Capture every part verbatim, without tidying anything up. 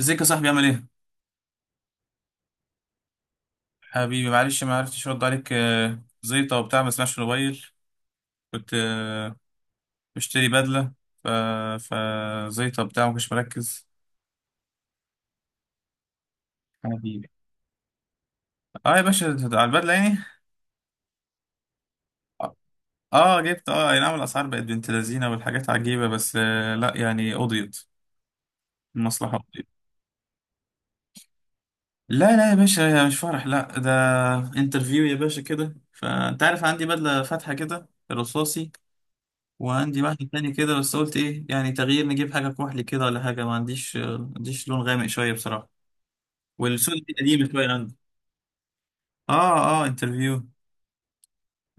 ازيك يا صاحبي، عامل ايه؟ حبيبي، معلش ما عرفتش ارد عليك، آه، زيطة وبتاع، ما سمعش الموبايل. كنت آه، بشتري بدلة، ف فزيطة وبتاع ما كنتش مركز. حبيبي، اه يا باشا، ده على البدلة يعني. اه، آه، جبت، اه اي نعم، الاسعار بقت بنت لذينة والحاجات عجيبة، بس آه، لا يعني قضيت المصلحة، قضيت. لا لا يا باشا، مش فرح، لا، ده انترفيو يا باشا، كده، فانت عارف عندي بدلة فاتحة كده رصاصي. وعندي واحد تاني كده، بس قلت ايه يعني، تغيير، نجيب حاجة كحلي كده ولا حاجة. ما عنديش ما عنديش لون غامق شوية بصراحة. والسود دي قديمة شوية عندي. اه اه، انترفيو.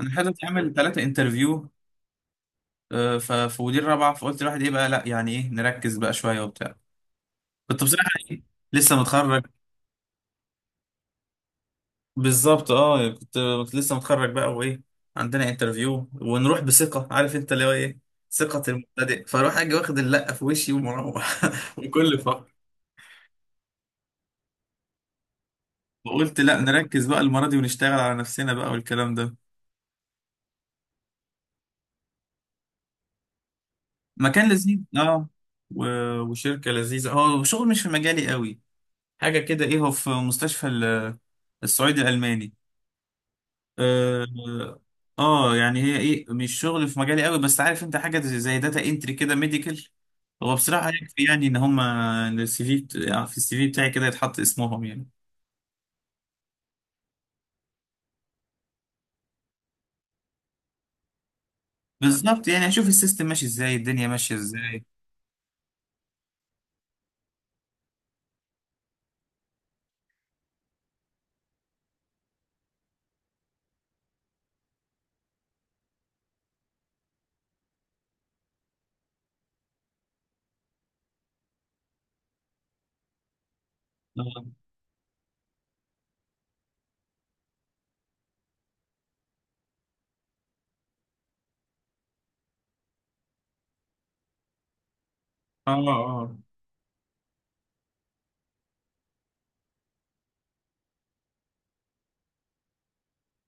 انا حاطط اعمل ثلاثة انترفيو، ففي ودي الرابعة، فقلت الواحد ايه بقى، لا يعني ايه، نركز بقى شوية وبتاع. كنت بصراحة إيه، لسه متخرج. بالظبط اه، كنت كنت لسه متخرج بقى وايه، عندنا انترفيو ونروح بثقة، عارف انت اللي هو ايه، ثقة المبتدئ، فاروح اجي واخد اللقة في وشي ومروح. بكل فرح. فقلت لا، نركز بقى المرة دي ونشتغل على نفسنا بقى والكلام ده. مكان لذيذ اه، و... وشركة لذيذة، هو شغل مش في مجالي قوي. حاجة كده ايه، هو في مستشفى ال- الصعيدي الألماني اه. آه، يعني هي ايه، مش شغل في مجالي قوي، بس عارف انت حاجة زي زي داتا انتري كده، ميديكال. هو بصراحة يكفي، يعني ان هما السي في بت... يعني في السي في بتاعي كده يتحط اسمهم يعني. بالظبط، يعني اشوف السيستم ماشي ازاي، الدنيا ماشية ازاي. اه اه آه.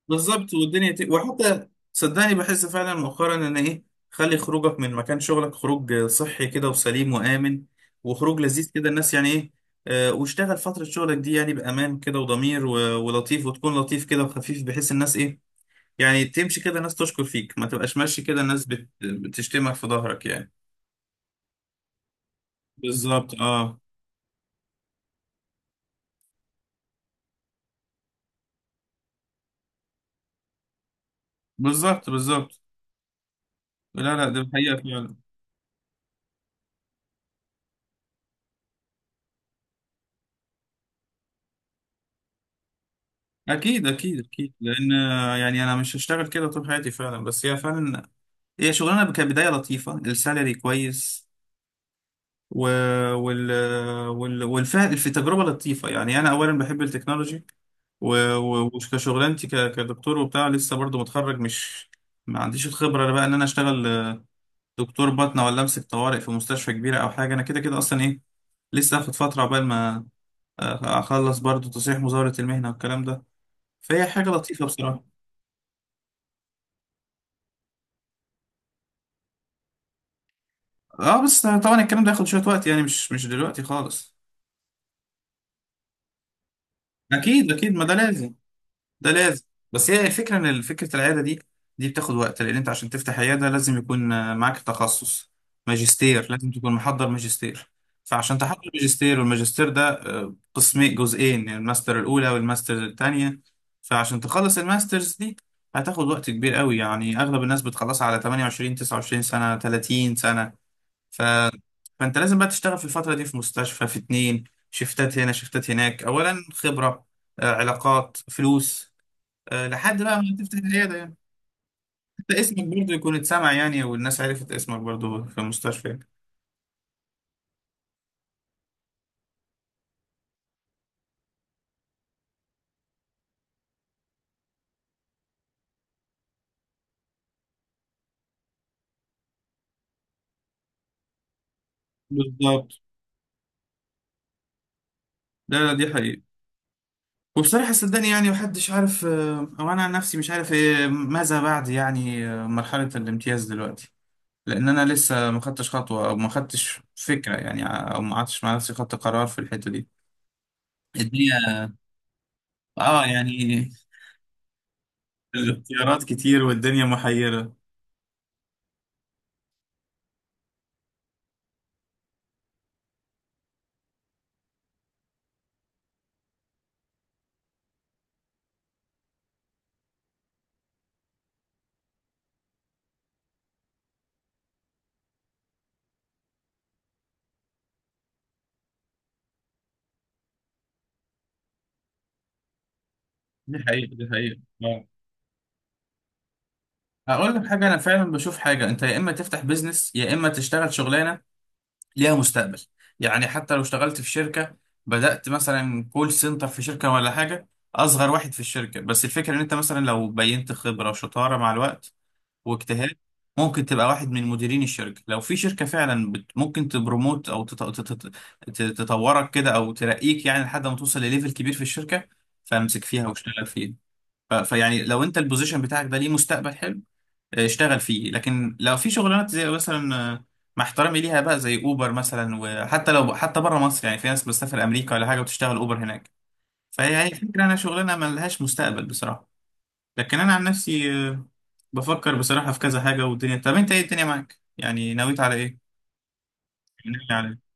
بالظبط والدنيا ت... وحتى صدقني، بحس فعلا مؤخرا ان ايه، خلي خروجك من مكان شغلك خروج صحي كده وسليم وآمن، وخروج لذيذ كده، الناس يعني ايه. آه واشتغل فترة شغلك دي يعني بأمان كده وضمير و... ولطيف، وتكون لطيف كده وخفيف، بحيث الناس ايه، يعني تمشي كده الناس تشكر فيك، ما تبقاش ماشي كده الناس بت... بتشتمك في ظهرك يعني. بالظبط اه، بالظبط بالظبط. لا لا، ده الحقيقة فعلا. أكيد أكيد أكيد، لأن آه، يعني أنا مش هشتغل كده طول حياتي فعلا، بس هي فعلا، هي شغلانه كبدايه لطيفه، السالري كويس. و... وال... وال... والفهم في تجربه لطيفه، يعني انا اولا بحب التكنولوجي. و... و... وكشغلانتي ك... كدكتور وبتاع، لسه برضو متخرج مش ما عنديش الخبره بقى ان انا اشتغل آه، دكتور باطنه، ولا امسك طوارئ في مستشفى كبيره او حاجه، انا كده كده اصلا ايه، لسه هاخد فتره عقبال ما آه، اخلص برضو تصحيح مزاوله المهنه والكلام ده. فهي حاجه لطيفه بصراحه، اه. بس طبعا الكلام ده ياخد شويه وقت، يعني مش مش دلوقتي خالص. اكيد اكيد، ما ده لازم، ده لازم. بس هي الفكره، ان فكره العياده دي، دي بتاخد وقت، لان انت عشان تفتح عياده لازم يكون آه، معاك تخصص، ماجستير، لازم تكون محضر ماجستير. فعشان تحضر ماجستير، والماجستير ده آه، قسمين، جزئين، يعني الماستر الاولى والماستر الثانيه. فعشان تخلص الماسترز دي، هتاخد وقت كبير قوي، يعني اغلب الناس بتخلصها على تمنية وعشرين، تسعة وعشرين سنه، ثلاثين سنه. ف... فانت لازم بقى تشتغل في الفتره دي في مستشفى، في اتنين شفتات هنا شفتات هناك، اولا خبره، آه، علاقات، فلوس، آه، لحد بقى ما تفتح العيادة يعني. حتى اسمك برضه يكون اتسمع، يعني والناس عرفت اسمك برضه في المستشفى. بالظبط. لا لا، دي حقيقة. وبصراحة صدقني يعني، محدش عارف، آه، أو أنا عن نفسي مش عارف إيه ماذا بعد، يعني آه، مرحلة الامتياز دلوقتي. لأن أنا لسه ما خدتش خطوة، أو ما خدتش فكرة يعني، آه، أو ما قعدتش مع نفسي، خدت قرار في الحتة دي. الدنيا، آه يعني الاختيارات كتير والدنيا محيرة. دي حقيقة، دي حقيقة. اقول لك حاجه، انا فعلا بشوف حاجه، انت يا اما تفتح بيزنس، يا اما تشتغل شغلانه ليها مستقبل. يعني حتى لو اشتغلت في شركه، بدات مثلا كول سنتر في شركه ولا حاجه، اصغر واحد في الشركه، بس الفكره ان انت مثلا لو بينت خبره وشطاره مع الوقت واجتهاد، ممكن تبقى واحد من مديرين الشركه، لو في شركه فعلا بت ممكن تبروموت، او تط- تط- تط- تطورك كده، او ترقيك يعني لحد ما توصل لليفل كبير في الشركه، فامسك فيها واشتغل فيها. ف- فيعني لو انت البوزيشن بتاعك ده ليه مستقبل حلو، اشتغل فيه. لكن لو في شغلانات زي مثلا آه، مع احترامي ليها بقى، زي اوبر مثلا، وحتى لو حتى بره مصر، يعني في ناس بتسافر امريكا ولا حاجه وتشتغل اوبر هناك، فهي هي فكره، انا شغلانه ما لهاش مستقبل بصراحه. لكن انا عن نفسي آه، بفكر بصراحه في كذا حاجه والدنيا. طب انت ايه الدنيا معاك، يعني نويت على ايه، ناوي على ايه؟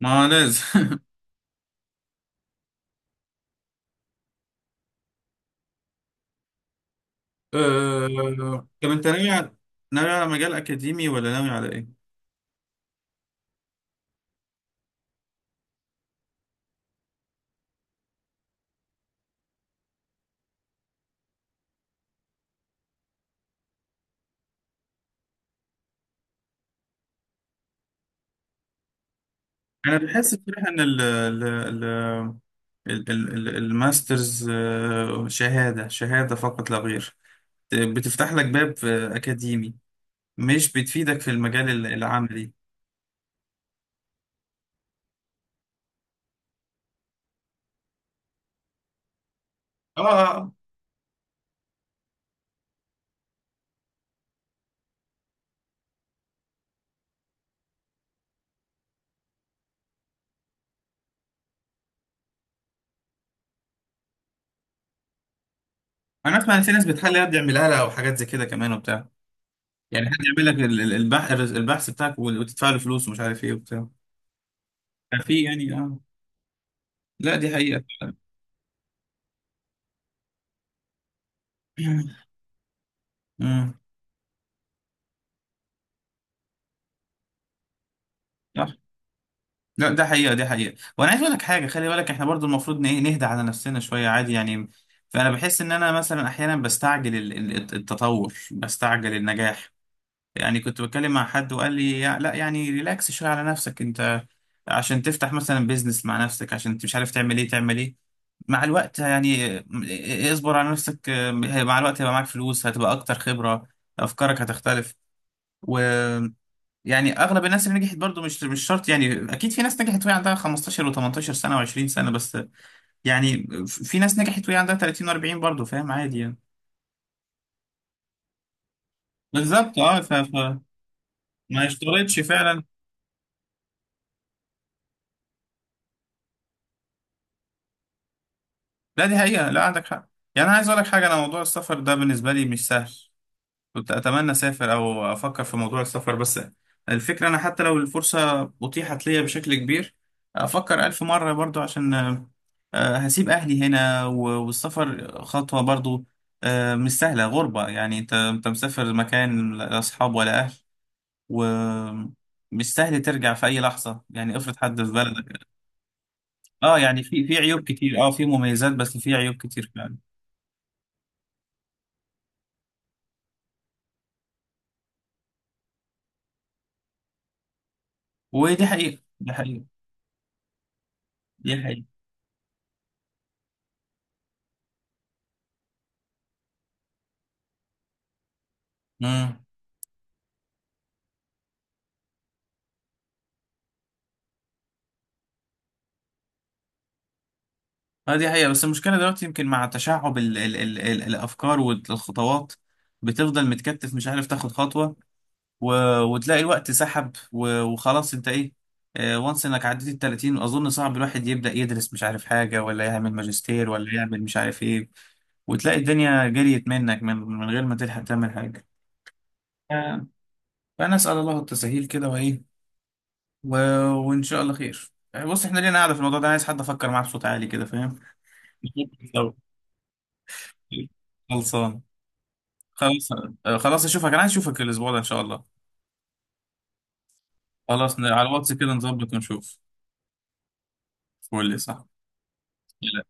ما لازم. آه، طب انت ناوي على ناوي على مجال اكاديمي ولا ناوي على ايه؟ انا بحس بصراحه ان ال ال ال ال- ال- ال- الماسترز آه، شهاده، شهاده فقط لا غير، بتفتح لك باب آه، اكاديمي، مش بتفيدك في المجال ال- العملي. اه آه. انا اسمع ان في ناس بتحل يد يعملها لها او حاجات زي كده كمان وبتاع، يعني حد يعمل لك ال- ال- البح- البحث بتاعك وال- وتدفع له فلوس ومش عارف ايه وبتاع، في يعني اه. لا دي حقيقه. مم. صح. لا ده حقيقة، دي حقيقة. وانا عايز اقول لك حاجة، خلي بالك احنا برضو المفروض نه- نهدى على نفسنا شوية عادي يعني. فانا بحس ان انا مثلا احيانا بستعجل ال- ال- التطور، بستعجل النجاح. يعني كنت بتكلم مع حد وقال لي يا- لا يعني ريلاكس شوية على نفسك، انت عشان تفتح مثلا بيزنس مع نفسك، عشان انت مش عارف تعمل ايه، تعمل ايه مع الوقت. يعني اه، اصبر على نفسك، اه، مع الوقت هيبقى معاك فلوس، هتبقى اكتر خبرة، افكارك هتختلف. يعني اغلب الناس اللي نجحت برضو مش مش شرط، يعني اكيد في ناس نجحت وهي عندها خمستاشر و18 سنه و20 سنه بس، يعني في ناس نجحت وهي عندها تلاتين و40 برضو، فاهم عادي يعني. بالظبط اه، ف... ف... ما يشترطش فعلا. لا دي حقيقه، لا عندك حق. يعني انا عايز اقول لك حاجه، انا موضوع السفر ده بالنسبه لي مش سهل. كنت أتمنى أسافر، أو أفكر في موضوع السفر، بس الفكرة أنا حتى لو الفرصة أتيحت ليا بشكل كبير، أفكر ألف مرة برضو، عشان آه، هسيب أهلي هنا و- والسفر خطوة برضو آه، مش سهلة، غربة يعني، أنت أنت مسافر مكان لا أصحاب ولا أهل، ومش سهل ترجع في أي لحظة، يعني افرض حد في بلدك. أه يعني، في في عيوب كتير، أه في مميزات بس في عيوب كتير فعلا. ودي حقيقة، دي حقيقة، دي حقيقة. مم. اه دي حقيقة، بس المشكلة دلوقتي يمكن مع تشعب ال ال ال ال الأفكار والخطوات، بتفضل متكتف، مش عارف تاخد خطوة، و وتلاقي الوقت سحب، و وخلاص انت ايه، وانس انك عديت ال تلاتين، اظن صعب الواحد يبدأ يدرس مش عارف حاجة، ولا يعمل ماجستير، ولا يعمل مش عارف ايه، وتلاقي الدنيا جريت منك، من من غير ما تلحق تعمل حاجة. آه، فأنا أسأل الله التسهيل كده وإيه، و... وإن شاء الله خير. بص إحنا لينا قاعدة في الموضوع ده، عايز حد أفكر معاه بصوت عالي كده، فاهم؟ خلصان. خلاص. آه، خلاص اشوفك، انا عايز اشوفك الاسبوع ده ان شاء الله. خلاص ن- على الواتس كده نظبط ونشوف. قول لي صح. لا